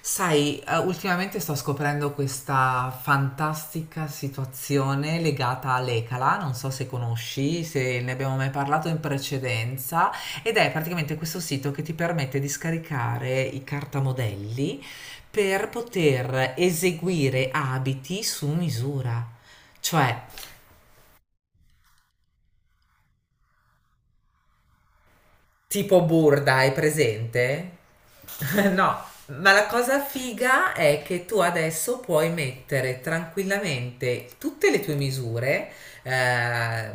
Sai, ultimamente sto scoprendo questa fantastica situazione legata all'Ecala, non so se conosci, se ne abbiamo mai parlato in precedenza, ed è praticamente questo sito che ti permette di scaricare i cartamodelli per poter eseguire abiti su misura. Cioè, tipo Burda, hai presente? No, ma la cosa figa è che tu adesso puoi mettere tranquillamente tutte le tue misure, eh,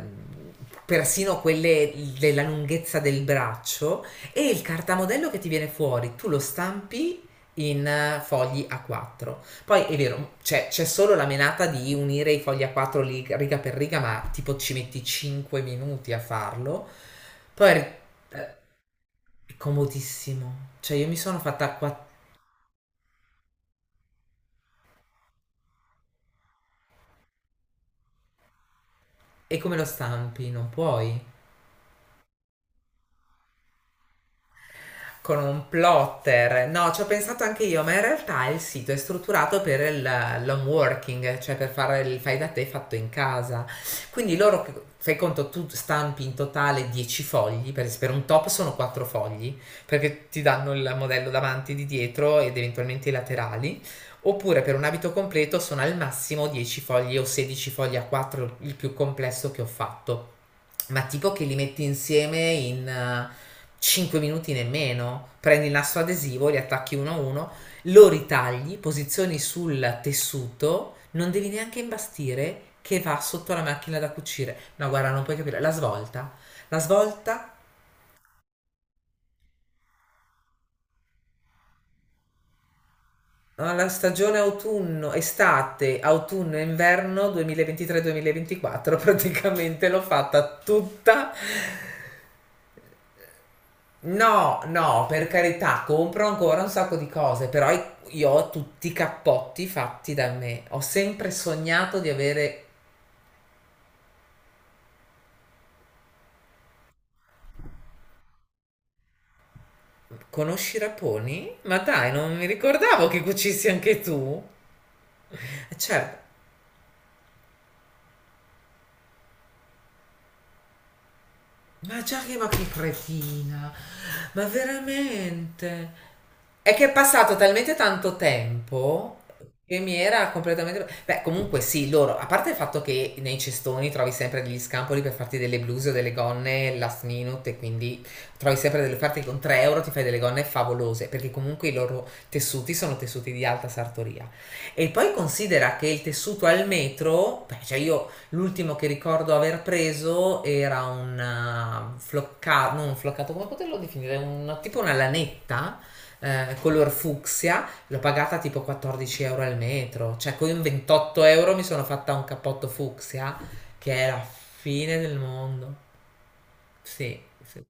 persino quelle della lunghezza del braccio, e il cartamodello che ti viene fuori, tu lo stampi in fogli A4. Poi è vero, c'è solo la menata di unire i fogli A4 riga per riga, ma tipo ci metti 5 minuti a farlo. Poi eh, è comodissimo. Cioè, io mi sono fatta qua. È come lo stampi, non puoi. Con un plotter. No, ci ho pensato anche io, ma in realtà il sito è strutturato per il l'home working, cioè per fare il fai da te fatto in casa. Quindi loro, fai conto, tu stampi in totale 10 fogli, per un top sono 4 fogli, perché ti danno il modello davanti, di dietro ed eventualmente i laterali. Oppure per un abito completo sono al massimo 10 fogli o 16 fogli a 4, il più complesso che ho fatto, ma tipo che li metti insieme in 5 minuti nemmeno, prendi il nastro adesivo, li attacchi uno a uno, lo ritagli, posizioni sul tessuto, non devi neanche imbastire che va sotto la macchina da cucire. No, guarda, non puoi capire, la svolta alla stagione autunno, estate, autunno e inverno 2023-2024, praticamente l'ho fatta tutta. No, no, per carità, compro ancora un sacco di cose, però io ho tutti i cappotti fatti da me. Ho sempre sognato di avere... Conosci i raponi? Ma dai, non mi ricordavo che cucissi anche tu. Certo. Ma che cretina, ma veramente. È che è passato talmente tanto tempo che mi era completamente... Beh, comunque sì, loro, a parte il fatto che nei cestoni trovi sempre degli scampoli per farti delle bluse o delle gonne last minute, e quindi trovi sempre delle parti con 3 € ti fai delle gonne favolose perché comunque i loro tessuti sono tessuti di alta sartoria. E poi considera che il tessuto al metro, beh, cioè io... L'ultimo che ricordo aver preso era un floccato, non un floccato, come poterlo definire? Un, tipo una lanetta color fucsia, l'ho pagata tipo 14 € al metro, cioè con 28 € mi sono fatta un cappotto fucsia che è la fine del mondo. Sì, sì.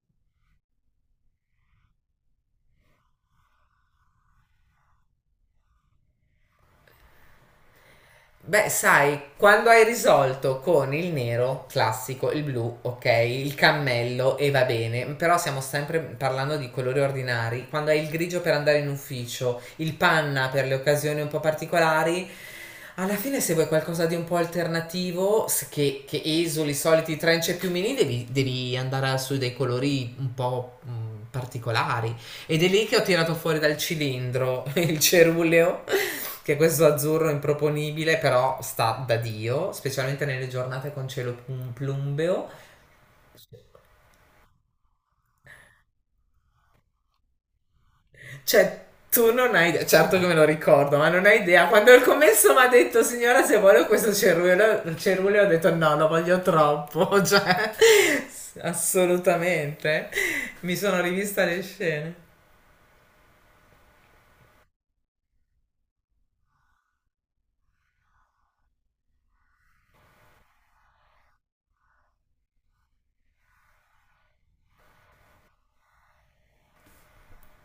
Beh, sai, quando hai risolto con il nero classico, il blu, ok, il cammello e va bene, però stiamo sempre parlando di colori ordinari. Quando hai il grigio per andare in ufficio, il panna per le occasioni un po' particolari, alla fine se vuoi qualcosa di un po' alternativo, che esuli i soliti trench e piumini, devi, devi andare su dei colori un po' particolari. Ed è lì che ho tirato fuori dal cilindro il ceruleo, che questo azzurro improponibile però sta da Dio, specialmente nelle giornate con cielo plumbeo. Cioè, tu non hai idea, certo che me lo ricordo, ma non hai idea. Quando il commesso mi ha detto, signora, se voglio questo ceruleo, ceruleo, ho detto no, lo voglio troppo. Cioè, assolutamente. Mi sono rivista le scene.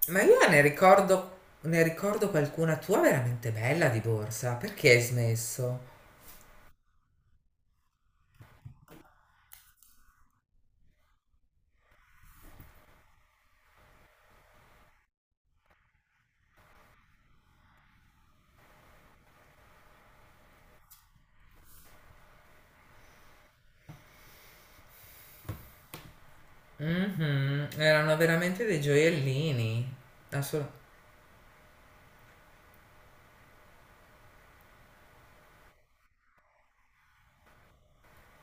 Ma io ne ricordo qualcuna tua veramente bella di borsa. Perché hai smesso? Mhm. Erano veramente dei gioiellini. Assol-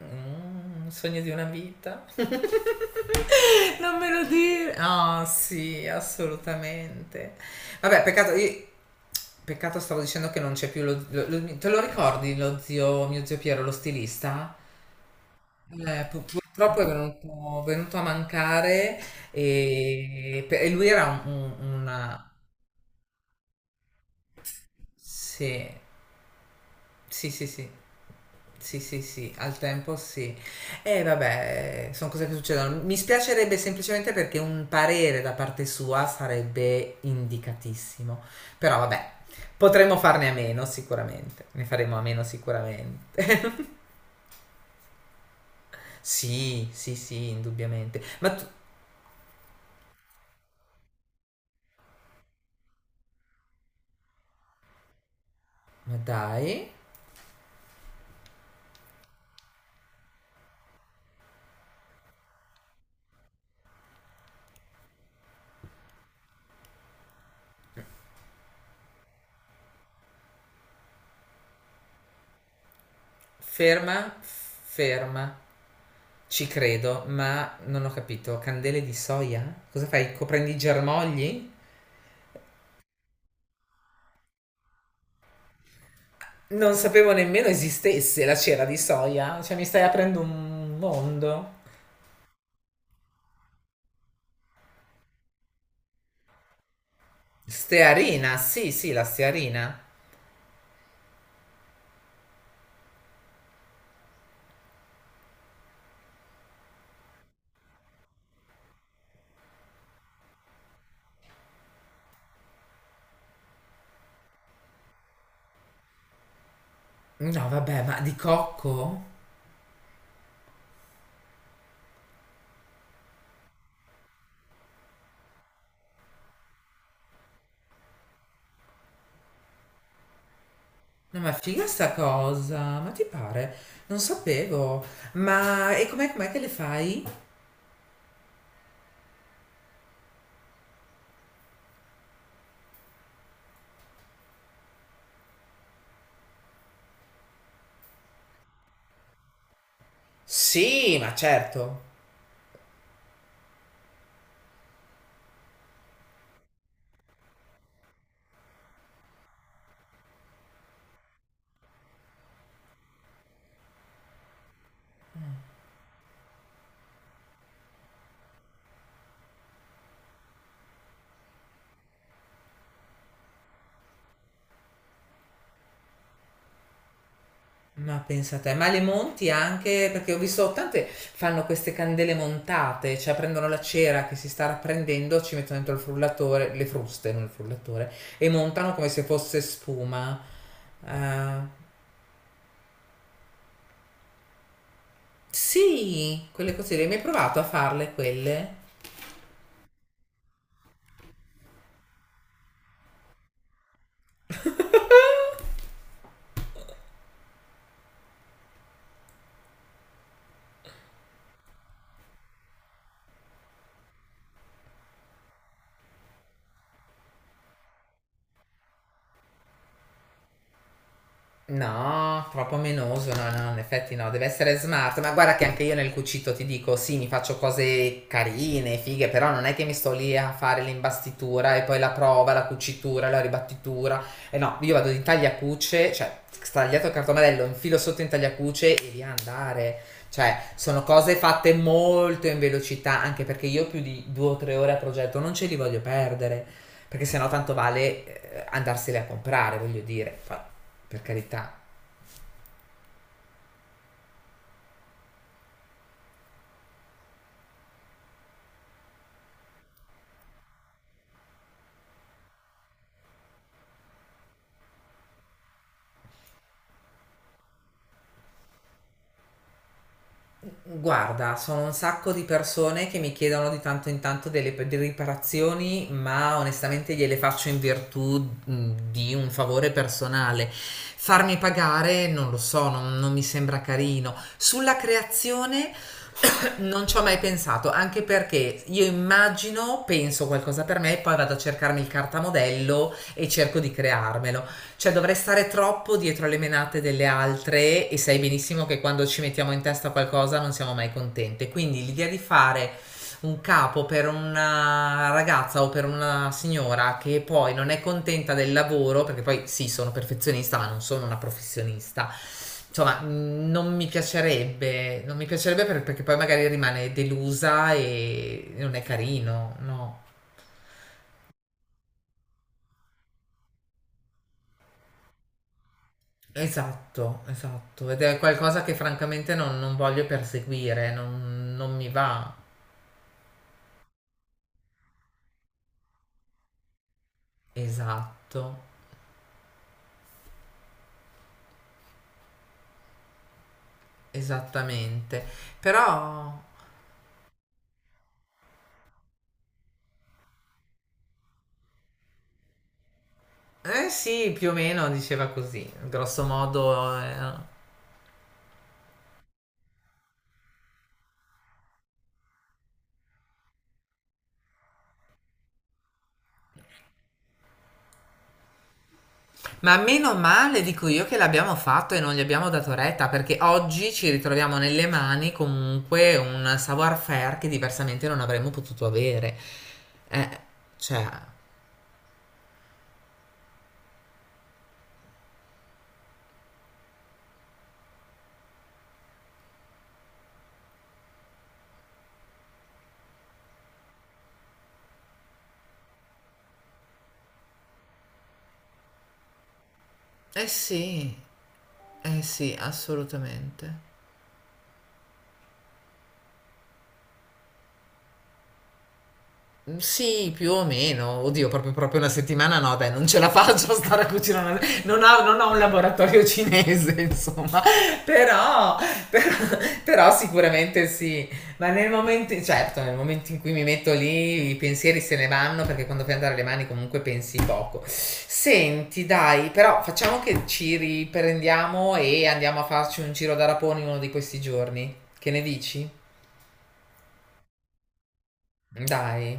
Un sogno di una vita. Non me lo dire. Ah, sì, assolutamente. Vabbè, peccato, peccato stavo dicendo che non c'è più te lo ricordi lo zio, mio zio Piero, lo stilista? Purtroppo è venuto a mancare, e, lui era una... Sì. Sì, sì, sì. Sì, sì, sì, al tempo sì. E vabbè, sono cose che succedono. Mi spiacerebbe semplicemente perché un parere da parte sua sarebbe indicatissimo. Però vabbè, potremmo farne a meno sicuramente. Ne faremo a meno sicuramente. Sì, sì, sì, indubbiamente. Ma tu, ma dai, ferma, ferma. Ci credo, ma non ho capito. Candele di soia? Cosa fai? Coprendi i germogli? Non sapevo nemmeno esistesse la cera di soia, cioè mi stai aprendo un mondo. Stearina, sì, sì, la stearina. No, vabbè, ma di cocco? No, ma figa sta cosa, ma ti pare? Non sapevo. Ma e com'è che le fai? Sì, ma certo. Ma pensa te, ma le monti anche? Perché ho visto tante fanno queste candele montate, cioè prendono la cera che si sta rapprendendo, ci mettono dentro il frullatore, le fruste, non il frullatore, e montano come se fosse spuma. Eh, sì, quelle cose lì, mi hai provato a farle quelle? No, troppo menoso, no, no, in effetti no, deve essere smart, ma guarda che anche io nel cucito ti dico, sì, mi faccio cose carine, fighe, però non è che mi sto lì a fare l'imbastitura e poi la prova, la cucitura, la ribattitura, e no, io vado in tagliacuce, cioè, stagliato il cartomarello, infilo sotto in tagliacuce e via andare, cioè, sono cose fatte molto in velocità, anche perché io più di due o tre ore a progetto non ce li voglio perdere, perché sennò tanto vale andarsele a comprare, voglio dire. Per carità. Guarda, sono un sacco di persone che mi chiedono di tanto in tanto delle riparazioni, ma onestamente gliele faccio in virtù di un favore personale. Farmi pagare non lo so, non mi sembra carino. Sulla creazione non ci ho mai pensato, anche perché io immagino, penso qualcosa per me, poi vado a cercarmi il cartamodello e cerco di crearmelo. Cioè dovrei stare troppo dietro alle menate delle altre e sai benissimo che quando ci mettiamo in testa qualcosa non siamo mai contente. Quindi l'idea di fare un capo per una ragazza o per una signora che poi non è contenta del lavoro, perché poi sì, sono perfezionista, ma non sono una professionista. Insomma, non mi piacerebbe, perché poi magari rimane delusa e non è carino, no. Esatto, esatto. Ed è qualcosa che francamente non voglio perseguire, non mi va. Esatto, esattamente. Però, eh sì, più o meno diceva così, grosso modo. Eh. Ma meno male, dico io, che l'abbiamo fatto e non gli abbiamo dato retta, perché oggi ci ritroviamo nelle mani comunque un savoir-faire che diversamente non avremmo potuto avere. Eh, cioè, eh sì, sì, assolutamente. Mm, sì, più o meno. Oddio, proprio, proprio una settimana no, dai, non ce la faccio a stare a cucinare. Non ho un laboratorio cinese, insomma. Però, però, però sicuramente sì. Ma nel momento, certo, nel momento in cui mi metto lì, i pensieri se ne vanno perché quando fai andare le mani comunque pensi poco. Senti, dai, però facciamo che ci riprendiamo e andiamo a farci un giro da raponi uno di questi giorni. Che ne dici? Dai.